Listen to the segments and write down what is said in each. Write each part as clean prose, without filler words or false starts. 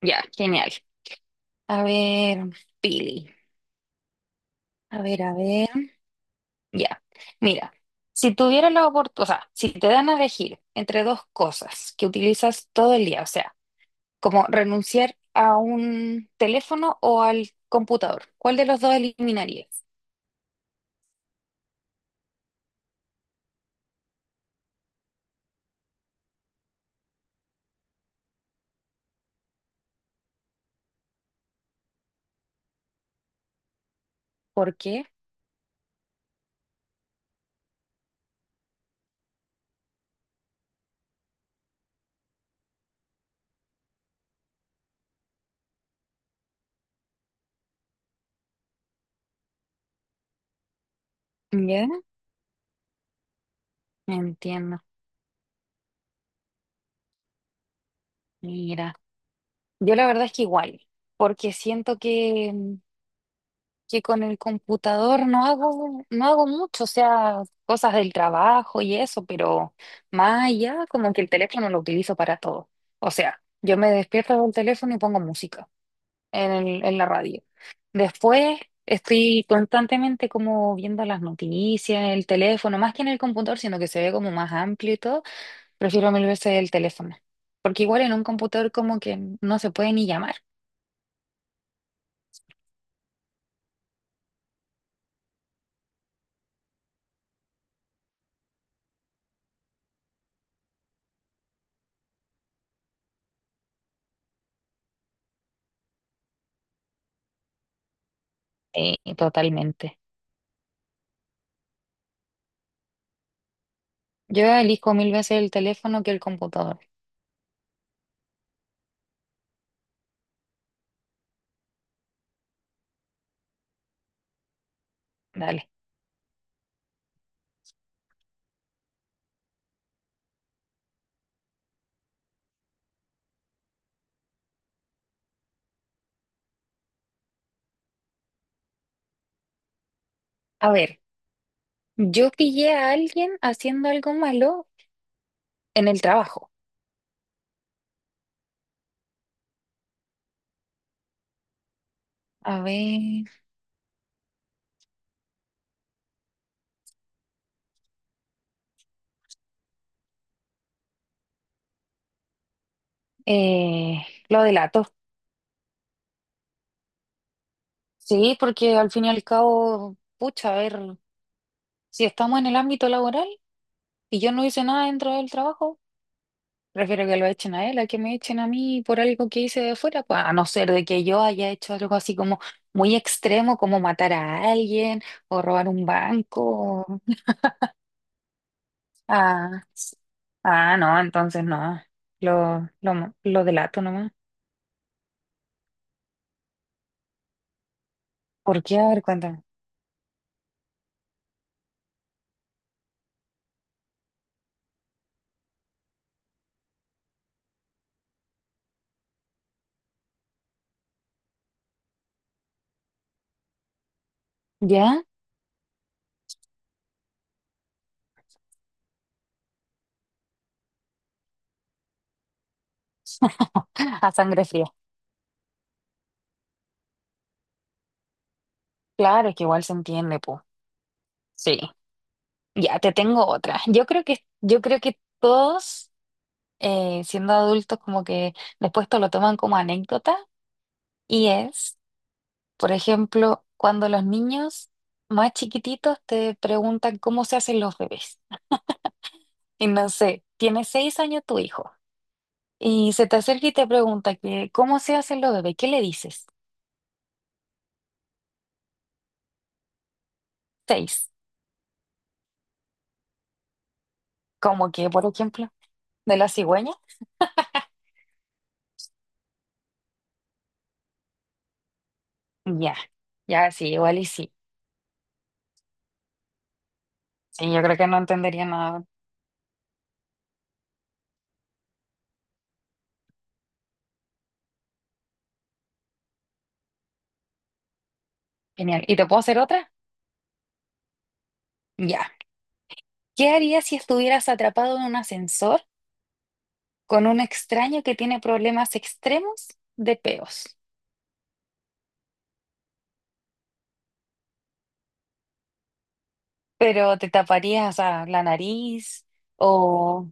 Ya, genial. A ver, Pili. A ver, a ver. Ya. Mira, si tuvieras la oportunidad, o sea, si te dan a elegir entre dos cosas que utilizas todo el día, o sea, como renunciar a un teléfono o al computador, ¿cuál de los dos eliminarías? ¿Por qué? Ya, entiendo. Mira, yo la verdad es que igual, porque siento que que con el computador no hago mucho, o sea, cosas del trabajo y eso, pero más allá, como que el teléfono lo utilizo para todo. O sea, yo me despierto con el teléfono y pongo música en la radio. Después estoy constantemente como viendo las noticias, en el teléfono, más que en el computador, sino que se ve como más amplio y todo, prefiero mil veces el teléfono. Porque igual en un computador como que no se puede ni llamar. Totalmente. Yo elijo mil veces el teléfono que el computador. Dale. A ver, yo pillé a alguien haciendo algo malo en el trabajo. A ver, lo delato. Sí, porque al fin y al cabo, pucha, a ver, si estamos en el ámbito laboral y yo no hice nada dentro del trabajo, prefiero que lo echen a él, a que me echen a mí por algo que hice de fuera, pues, a no ser de que yo haya hecho algo así como muy extremo, como matar a alguien o robar un banco. Ah, s- ah, no, entonces no. Lo delato nomás. ¿Por qué? A ver, cuéntame. ¿Ya? A sangre fría. Claro, es que igual se entiende, po. Sí. Ya, te tengo otra. Yo creo que todos, siendo adultos, como que después te lo toman como anécdota. Y es, por ejemplo, cuando los niños más chiquititos te preguntan cómo se hacen los bebés. Y no sé, tiene seis años tu hijo. Y se te acerca y te pregunta que, ¿cómo se hace lo bebé? ¿Qué le dices? Seis. Como que, por ejemplo, de la cigüeña. Ya, ya, sí, igual y sí. Sí, yo creo que no entendería nada. Genial. ¿Y te puedo hacer otra? Ya. ¿Qué harías si estuvieras atrapado en un ascensor con un extraño que tiene problemas extremos de peos? Pero te taparías a la nariz o...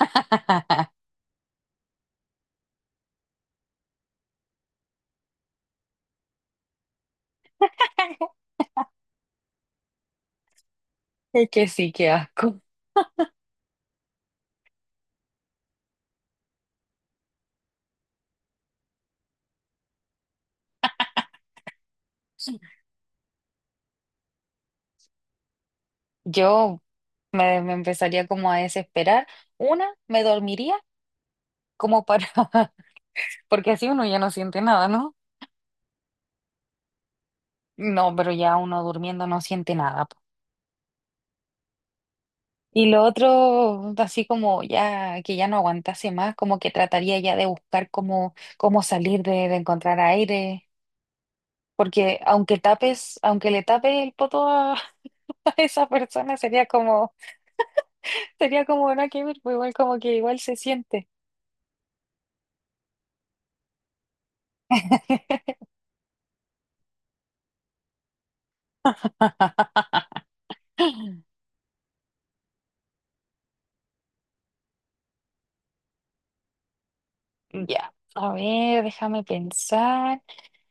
Es que sí, qué asco. Yo me empezaría como a desesperar. Una, me dormiría como para, porque así uno ya no siente nada, ¿no? No, pero ya uno durmiendo no siente nada. Po. Y lo otro, así como ya que ya no aguantase más, como que trataría ya de buscar cómo salir de encontrar aire, porque aunque tapes, aunque le tape el poto a, a esa persona, sería como no que ver, pues igual como que igual se siente. Ya, a ver, déjame pensar.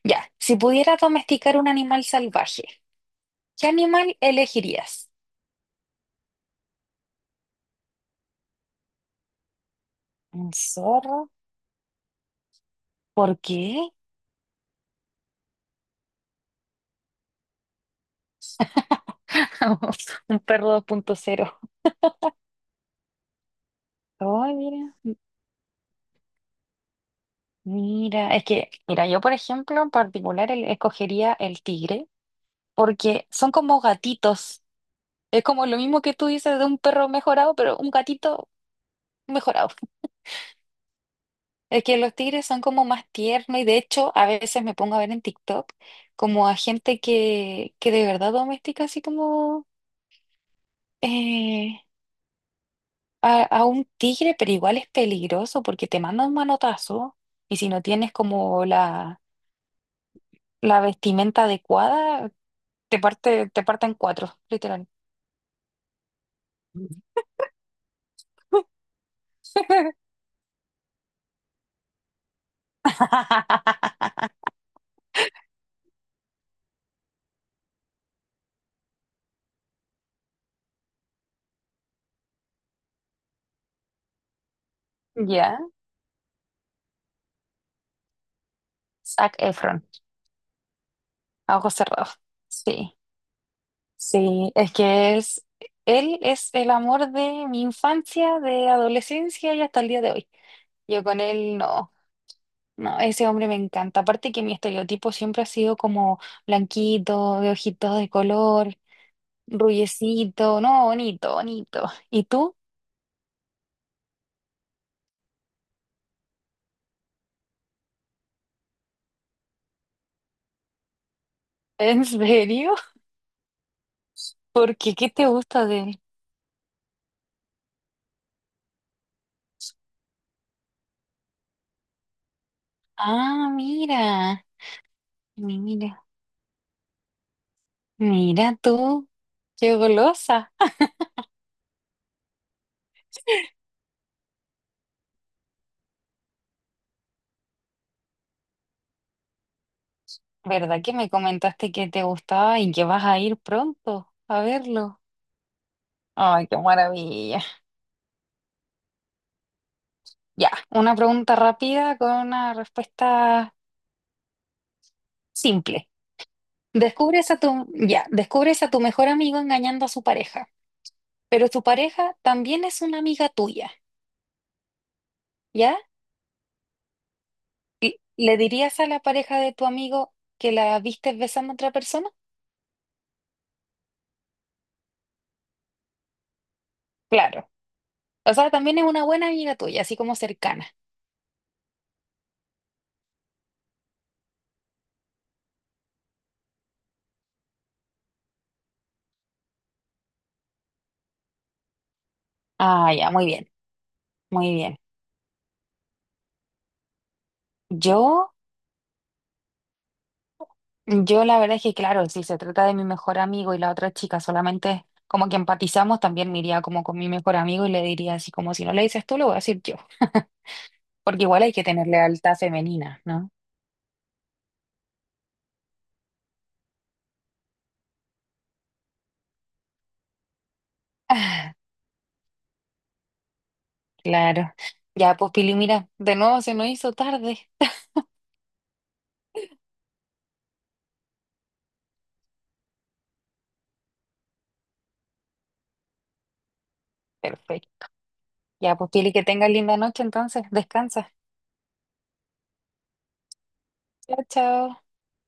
Ya, si pudieras domesticar un animal salvaje, ¿qué animal elegirías? ¿Un zorro? ¿Por qué? Un perro 2.0. Ay, mira. M- mira, yo por ejemplo en particular escogería el tigre porque son como gatitos. Es como lo mismo que tú dices de un perro mejorado, pero un gatito mejorado. Es que los tigres son como más tiernos y de hecho a veces me pongo a ver en TikTok como a gente que de verdad domestica así como eh, a un tigre, pero igual es peligroso porque te manda un manotazo y si no tienes como la vestimenta adecuada, te parte en cuatro, literal. Ya, Zac Efron, a ojos cerrados. Sí, sí, él es el amor de mi infancia, de adolescencia y hasta el día de hoy. Yo con él no. No, ese hombre me encanta. Aparte que mi estereotipo siempre ha sido como blanquito, de ojitos de color, rubiecito, no, bonito, bonito. ¿Y tú? ¿En serio? ¿Por qué? ¿Qué te gusta de él? Ah, mira, mira, mira tú, qué golosa. ¿Verdad que me comentaste que te gustaba y que vas a ir pronto a verlo? Ay, qué maravilla. Ya, una pregunta rápida con una respuesta simple. Ya, descubres a tu mejor amigo engañando a su pareja, pero tu pareja también es una amiga tuya, ¿ya? ¿Le dirías a la pareja de tu amigo que la viste besando a otra persona? Claro. O sea, también es una buena amiga tuya, así como cercana. Ah, ya, muy bien, muy bien. Yo, yo la verdad es que, claro, si se trata de mi mejor amigo y la otra chica solamente como que empatizamos, también me iría como con mi mejor amigo y le diría así como si no le dices tú, lo voy a decir yo, porque igual hay que tener lealtad femenina, ¿no? Ah, claro. Ya, pues Pili, mira, de nuevo se nos hizo tarde. Perfecto. Ya, pues Pili, que tengas linda noche entonces. Descansa. Chao, chao.